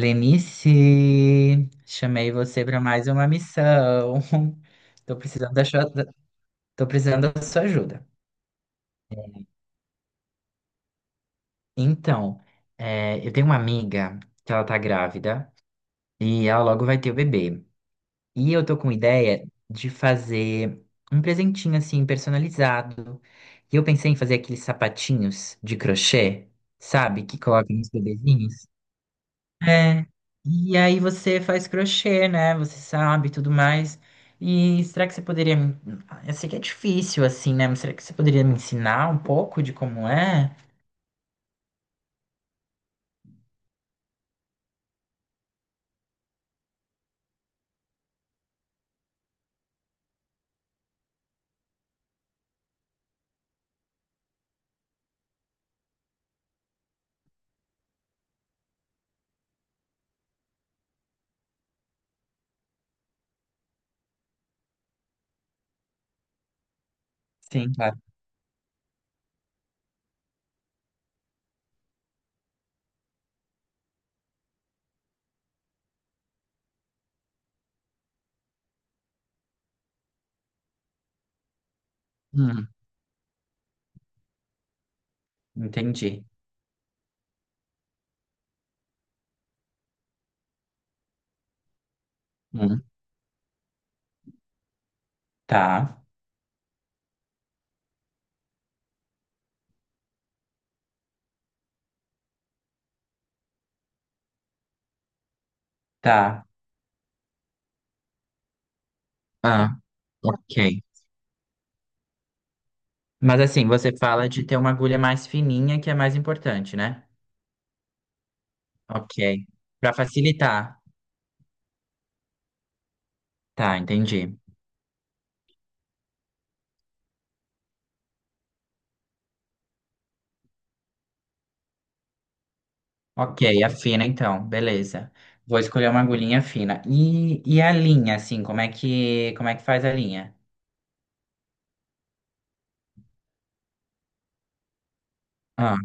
Lenice, chamei você para mais uma missão. Tô precisando da sua, tô precisando da sua ajuda. Então, eu tenho uma amiga que ela tá grávida e ela logo vai ter o bebê. E eu tô com ideia de fazer um presentinho assim personalizado. E eu pensei em fazer aqueles sapatinhos de crochê, sabe, que colocam nos bebezinhos. É, e aí você faz crochê, né? Você sabe, e tudo mais. E será que você poderia me... Eu sei que é difícil, assim, né? Mas será que você poderia me ensinar um pouco de como é? Sim, claro. Hum, entendi. Hum, tá, tá. Ah, ok. Mas assim, você fala de ter uma agulha mais fininha, que é mais importante, né? Ok. Pra facilitar. Tá, entendi. Ok, a fina então, beleza. Vou escolher uma agulhinha fina. E a linha, assim, como é que faz a linha? Ah,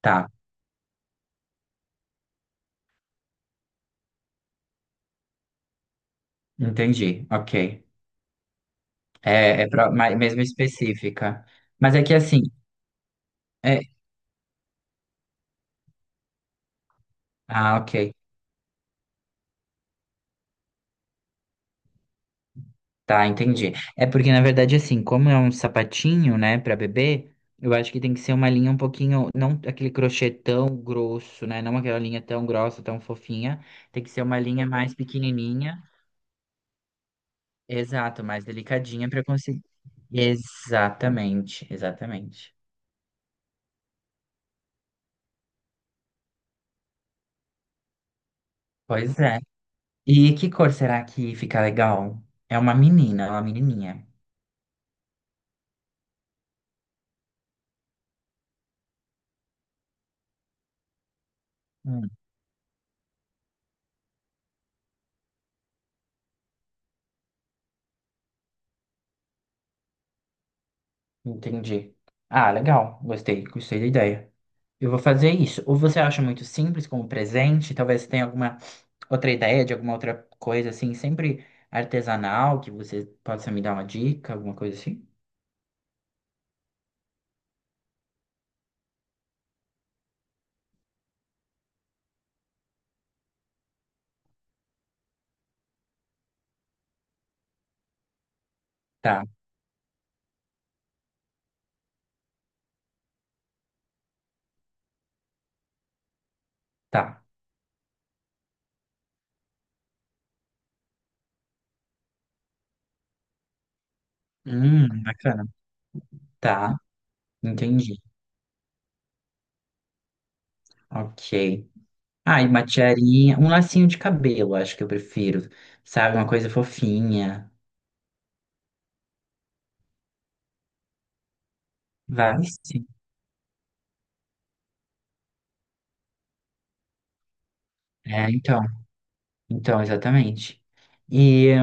tá, entendi, ok. É, é pro- ma- mesmo específica. Mas é que assim, é... Ah, ok, tá, entendi. É porque, na verdade, assim, como é um sapatinho, né, pra bebê, eu acho que tem que ser uma linha um pouquinho, não aquele crochê tão grosso, né, não aquela linha tão grossa, tão fofinha, tem que ser uma linha mais pequenininha. Exato, mais delicadinha para conseguir. Exatamente, exatamente. Pois é. E que cor será que fica legal? É uma menina, é uma menininha. Hum, entendi. Ah, legal. Gostei, gostei da ideia. Eu vou fazer isso. Ou você acha muito simples como presente? Talvez tenha alguma outra ideia de alguma outra coisa assim, sempre artesanal, que você possa me dar uma dica, alguma coisa assim? Tá, tá. Bacana. Tá, entendi. Ok. Ah, e uma tiarinha, um lacinho de cabelo, acho que eu prefiro, sabe? Uma coisa fofinha. Vai, sim. É, então, então, exatamente. E,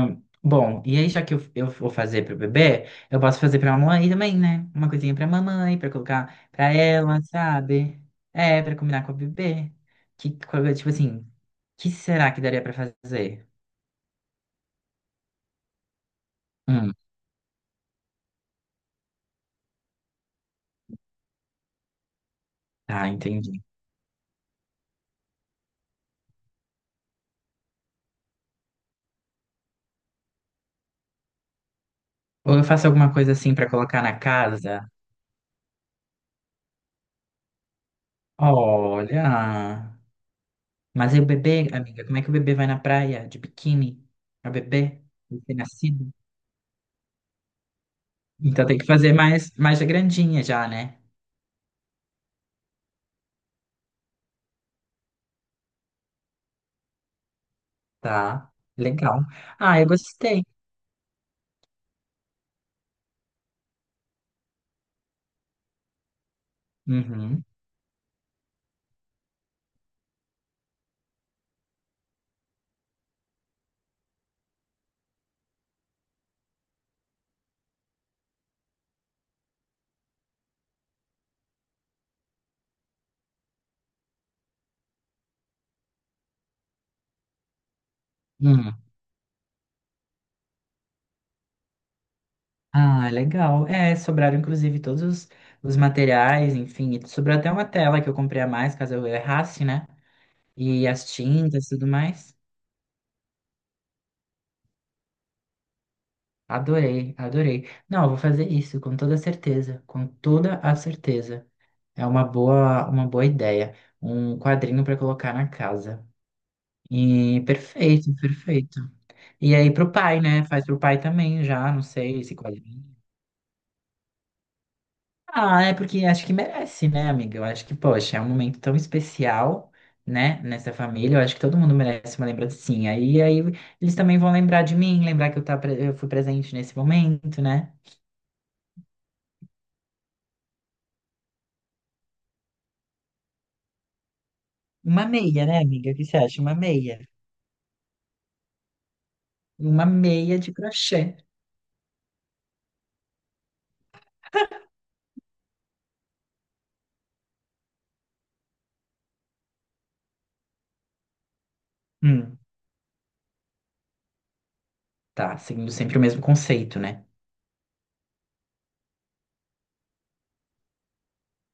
bom, e aí já que eu vou fazer pro bebê, eu posso fazer pra mamãe também, né? Uma coisinha pra mamãe, pra colocar pra ela, sabe? É, pra combinar com o bebê. Que, coisa, tipo assim, que será que daria pra fazer? Hum, tá, entendi. Ou eu faço alguma coisa assim pra colocar na casa? Olha. Mas e o bebê, amiga? Como é que o bebê vai na praia de biquíni? É o bebê recém-nascido? Então tem que fazer mais, mais grandinha já, né? Tá, legal. Ah, eu gostei. Uhum. Hum. Ah, legal. É, sobraram inclusive os materiais, enfim. E sobrou até uma tela que eu comprei a mais, caso eu errasse, né? E as tintas e tudo mais. Adorei, adorei. Não, eu vou fazer isso com toda certeza, com toda a certeza. É uma boa ideia. Um quadrinho para colocar na casa. E perfeito, perfeito. E aí pro pai, né? Faz pro pai também já, não sei, esse quadrinho. Ah, é porque acho que merece, né, amiga? Eu acho que, poxa, é um momento tão especial, né, nessa família. Eu acho que todo mundo merece uma lembrancinha. E aí eles também vão lembrar de mim, lembrar que eu, tá, eu fui presente nesse momento, né? Uma meia, né, amiga? O que você acha? Uma meia. Uma meia de crochê. Hum, tá, seguindo sempre o mesmo conceito, né?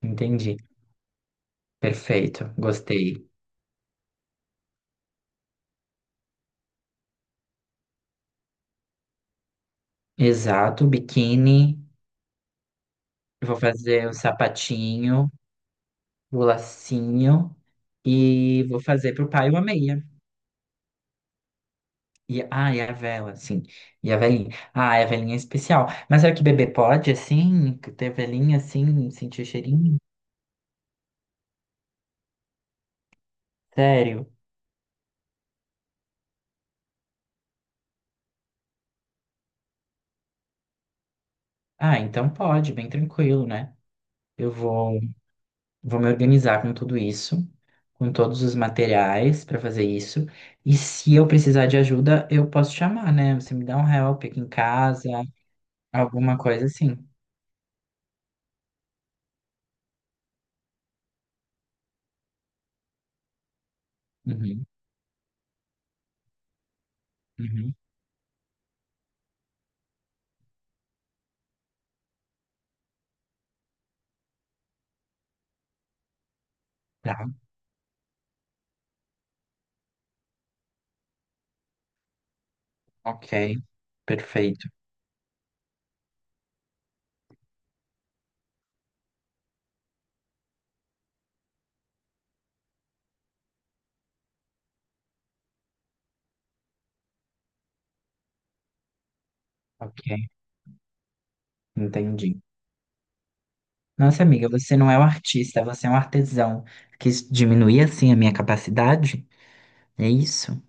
Entendi. Perfeito. Gostei. Exato, biquíni. Vou fazer o sapatinho, o lacinho e vou fazer pro pai uma meia. E, ah, e a vela, sim. E a velhinha. Ah, a velhinha é especial. Mas será que bebê pode, assim, ter velhinha assim, sentir o cheirinho? Sério? Ah, então pode, bem tranquilo, né? Eu vou. Vou me organizar com tudo isso, com todos os materiais para fazer isso. E se eu precisar de ajuda, eu posso chamar, né? Você me dá um help aqui em casa, alguma coisa assim. Uhum, uhum, tá, ok, perfeito, ok, entendi. Nossa, amiga, você não é um artista, você é um artesão. Quis diminuir assim a minha capacidade? É isso?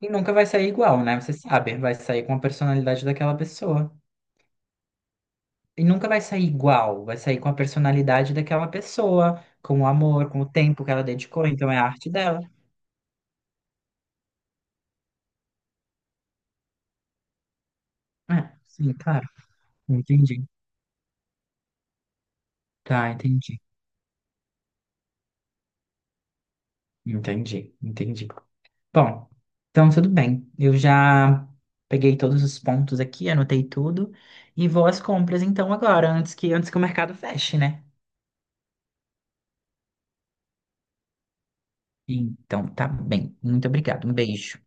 E nunca vai sair igual, né? Você sabe, vai sair com a personalidade daquela pessoa. E nunca vai sair igual, vai sair com a personalidade daquela pessoa, com o amor, com o tempo que ela dedicou, então é a arte dela. É, sim, claro. Entendi. Tá, entendi. Entendi, entendi. Bom, então tudo bem. Eu já peguei todos os pontos aqui, anotei tudo e vou às compras então agora, antes que o mercado feche, né? Então tá bem. Muito obrigado. Um beijo.